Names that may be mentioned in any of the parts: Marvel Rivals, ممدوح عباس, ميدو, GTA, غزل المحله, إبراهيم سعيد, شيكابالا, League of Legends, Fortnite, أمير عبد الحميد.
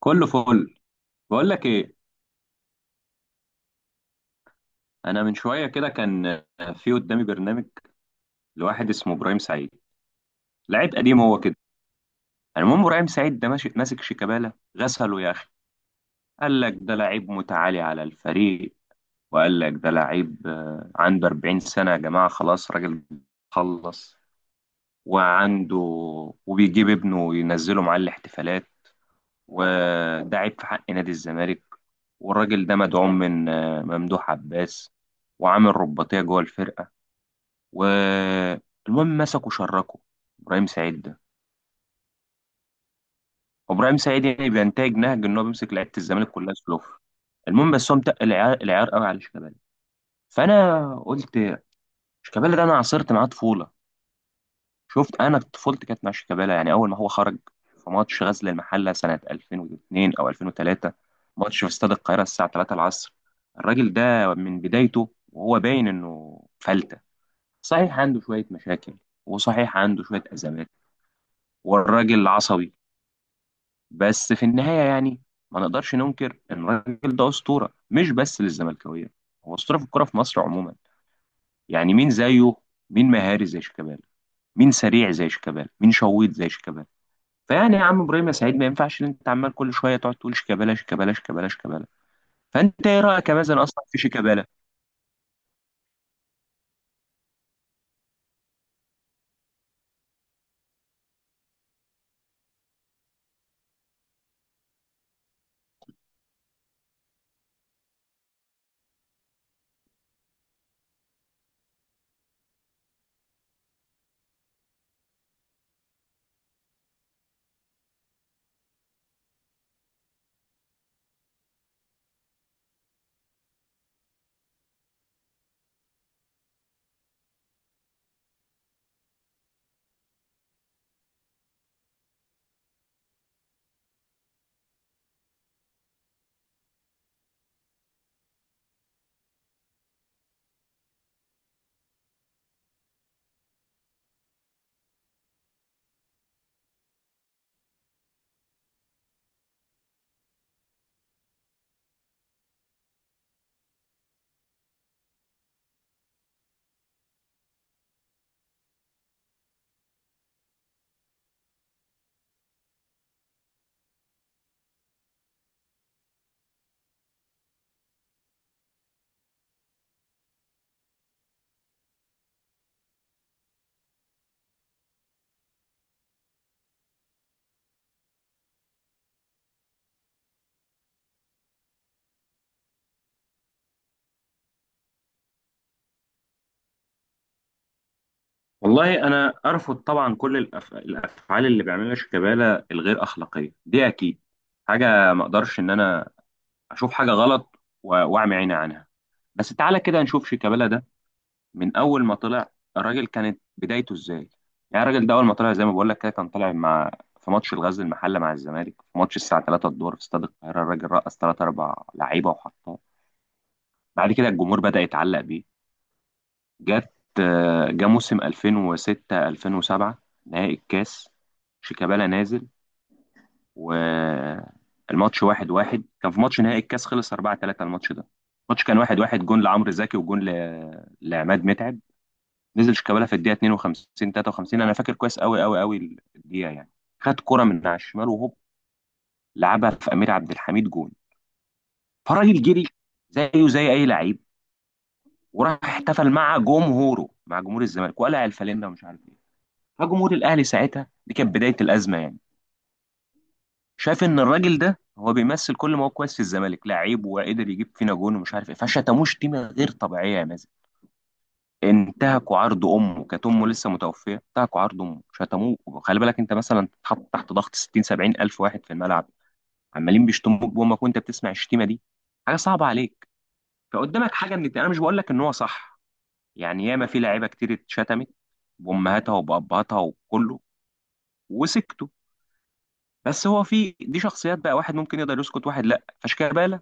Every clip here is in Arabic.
كله فل. بقول لك ايه، انا من شويه كده كان في قدامي برنامج لواحد اسمه ابراهيم سعيد، لعيب قديم هو كده. يعني المهم ابراهيم سعيد ده ماشي ماسك شيكابالا غسله يا اخي، قال لك ده لعيب متعالي على الفريق، وقال لك ده لعيب، عنده 40 سنه يا جماعه، خلاص راجل خلص وعنده وبيجيب ابنه وينزله معاه الاحتفالات، وده عيب في حق نادي الزمالك، والراجل ده مدعوم من ممدوح عباس، وعامل رباطيه جوه الفرقه، والمهم مسكوا شركوا ابراهيم سعيد ده. وابراهيم سعيد يعني بينتهج نهج ان هو بيمسك لعيبه الزمالك كلها سلوف. المهم بس هو متقل العيار قوي على شيكابالا. فانا قلت شيكابالا ده انا عاصرت معاه طفوله، شفت انا طفولتي كانت مع شيكابالا، يعني اول ما هو خرج في ماتش غزل المحله سنه 2002 او 2003، ماتش في استاد القاهره الساعه 3 العصر. الراجل ده من بدايته وهو باين انه فلته، صحيح عنده شويه مشاكل، وصحيح عنده شويه ازمات، والراجل عصبي، بس في النهاية يعني ما نقدرش ننكر إن الراجل ده أسطورة مش بس للزملكاوية، هو أسطورة في الكرة في مصر عموما. يعني مين زيه؟ مين مهاري زي شيكابالا؟ مين سريع زي شيكابالا؟ مين شويط زي شيكابالا؟ فيعني يا عم إبراهيم يا سعيد، ما ينفعش إن أنت عمال كل شوية تقعد تقول شيكابالا شيكابالا شيكابالا شيكابالا. فأنت إيه رأيك مثلا أصلا في شيكابالا؟ والله أنا أرفض طبعا كل الأفعال اللي بيعملها شيكابالا الغير أخلاقية دي، أكيد حاجة ما أقدرش إن أنا اشوف حاجه غلط واعمي عيني عنها. بس تعالى كده نشوف شيكابالا ده من اول ما طلع الراجل كانت بدايته ازاي. يعني الراجل ده اول ما طلع زي ما بقول لك كده كان طالع مع في ماتش الغزل المحله مع الزمالك، في ماتش الساعه 3 الظهر في استاد القاهره، الراجل رقص 3 4 لعيبه وحطها. بعد كده الجمهور بدا يتعلق بيه. جت جه موسم 2006 2007 نهائي الكاس، شيكابالا نازل والماتش واحد واحد، كان في ماتش نهائي الكاس خلص 4-3 الماتش ده، الماتش كان واحد واحد، جون لعمرو زكي وجون لعماد متعب. نزل شيكابالا في الدقيقه 52 53، انا فاكر كويس قوي قوي قوي الدقيقه يعني. خد كرة من على الشمال وهوب، لعبها في امير عبد الحميد جون. فالراجل جري زيه زي اي لعيب، وراح احتفل مع جمهوره مع جمهور الزمالك وقلع الفانلة ومش عارف ايه. فجمهور الاهلي ساعتها دي كانت بدايه الازمه يعني، شايف ان الراجل ده هو بيمثل كل ما هو كويس في الزمالك لعيب وقدر يجيب فينا جون ومش عارف ايه، فشتموه شتيمه غير طبيعيه يا مازن، انتهكوا عرض امه، كانت امه لسه متوفيه، انتهكوا عرض امه شتموه. خلي بالك انت مثلا تتحط تحت ضغط 60 70 الف واحد في الملعب عمالين بيشتموك بامك وانت بتسمع الشتيمه دي، حاجه صعبه عليك. فقدامك حاجه من انا مش بقول لك ان هو صح، يعني ياما في لعيبه كتير اتشتمت بامهاتها وبابهاتها وكله وسكتوا، بس هو في دي شخصيات بقى، واحد ممكن يقدر يسكت واحد لا. فشكابالا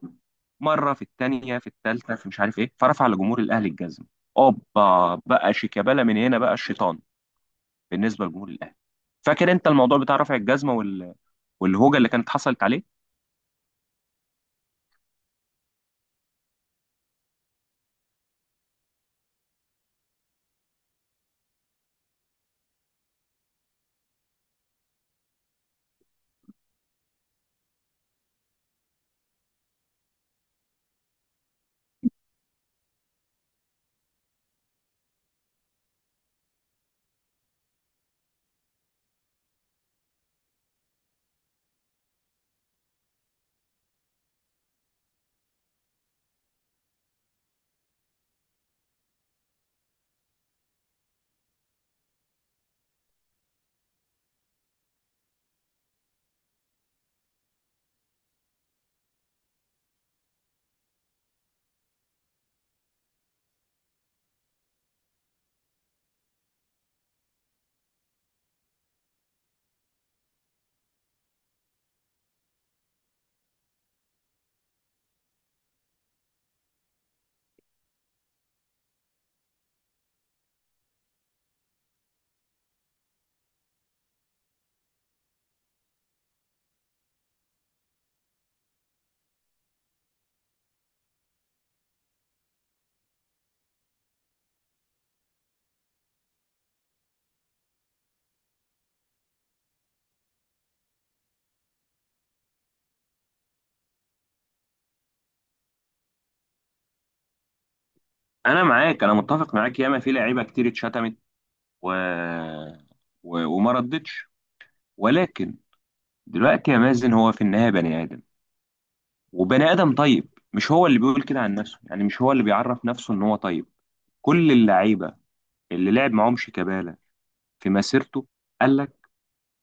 مره في الثانيه في الثالثه في مش عارف ايه، فرفع لجمهور الاهلي الجزم. اوبا، بقى شيكابالا من هنا بقى الشيطان بالنسبه لجمهور الاهلي. فاكر انت الموضوع بتاع رفع الجزمه والهوجه اللي كانت حصلت عليه. انا معاك، انا متفق معاك، ياما في لعيبه كتير اتشتمت و... وما ردتش، ولكن دلوقتي يا مازن، هو في النهايه بني ادم، وبني ادم طيب مش هو اللي بيقول كده عن نفسه، يعني مش هو اللي بيعرف نفسه ان هو طيب. كل اللعيبه اللي لعب معاهم شيكابالا في مسيرته قال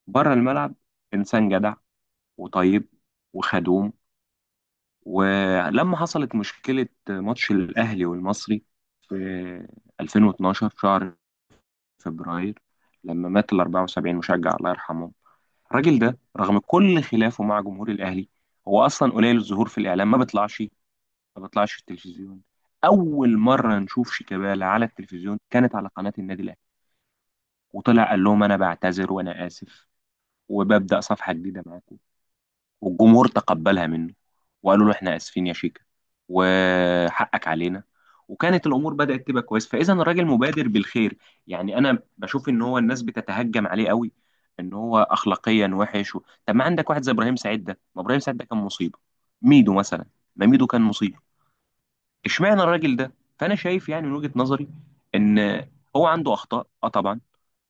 بره الملعب انسان جدع وطيب وخدوم. ولما حصلت مشكله ماتش الاهلي والمصري في 2012 شهر فبراير، لما مات ال 74 مشجع الله يرحمه، الراجل ده رغم كل خلافه مع جمهور الاهلي، هو اصلا قليل الظهور في الاعلام، ما بيطلعش في التلفزيون. اول مره نشوف شيكابالا على التلفزيون كانت على قناه النادي الاهلي، وطلع قال لهم انا بعتذر وانا اسف وببدا صفحه جديده معاكم، والجمهور تقبلها منه، وقالوا له احنا اسفين يا شيكا وحقك علينا، وكانت الامور بدات تبقى كويس. فاذا الراجل مبادر بالخير، يعني انا بشوف ان هو الناس بتتهجم عليه قوي ان هو اخلاقيا وحش طب ما عندك واحد زي ابراهيم سعيد ده، ما ابراهيم سعيد ده كان مصيبه، ميدو مثلا، ما ميدو كان مصيبه. اشمعنى الراجل ده. فانا شايف يعني من وجهه نظري ان هو عنده اخطاء اه طبعا،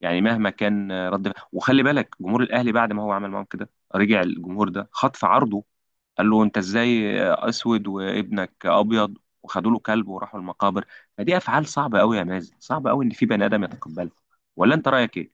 يعني مهما كان رد. وخلي بالك جمهور الاهلي بعد ما هو عمل معاهم كده رجع الجمهور ده خطف عرضه، قال له انت ازاي اسود وابنك ابيض، وخدوا له كلب وراحوا المقابر. فدي افعال صعبه قوي يا مازن، صعب قوي ان في بني ادم يتقبلها. ولا انت رايك ايه؟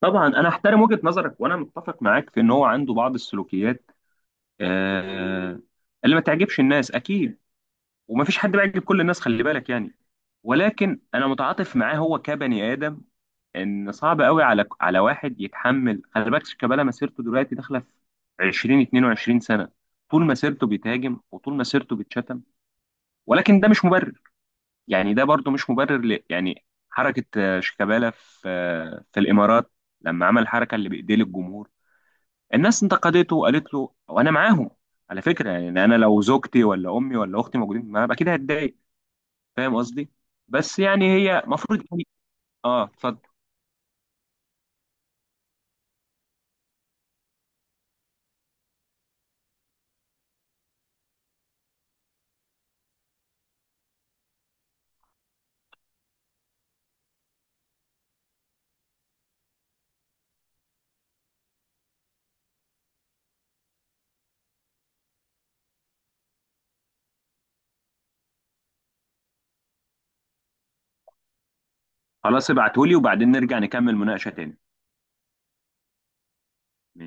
طبعا انا احترم وجهه نظرك وانا متفق معاك في ان هو عنده بعض السلوكيات، آه اللي ما تعجبش الناس اكيد، ومفيش حد بيعجب كل الناس خلي بالك يعني. ولكن انا متعاطف معاه هو كبني ادم، ان صعب قوي على واحد يتحمل. خلي بالك شيكابالا مسيرته دلوقتي داخله في 20 22 سنه، طول مسيرته بيتهاجم وطول مسيرته بيتشتم، ولكن ده مش مبرر، يعني ده برضو مش مبرر يعني حركه شيكابالا في في الامارات، لما عمل الحركه اللي بايديه للجمهور، الناس انتقدته وقالت له وانا معاهم. على فكره يعني انا لو زوجتي ولا امي ولا اختي موجودين معايا اكيد هتضايق، فاهم قصدي. بس يعني هي المفروض. اه اتفضل. خلاص ابعتهولي وبعدين نرجع نكمل مناقشه تاني. مم.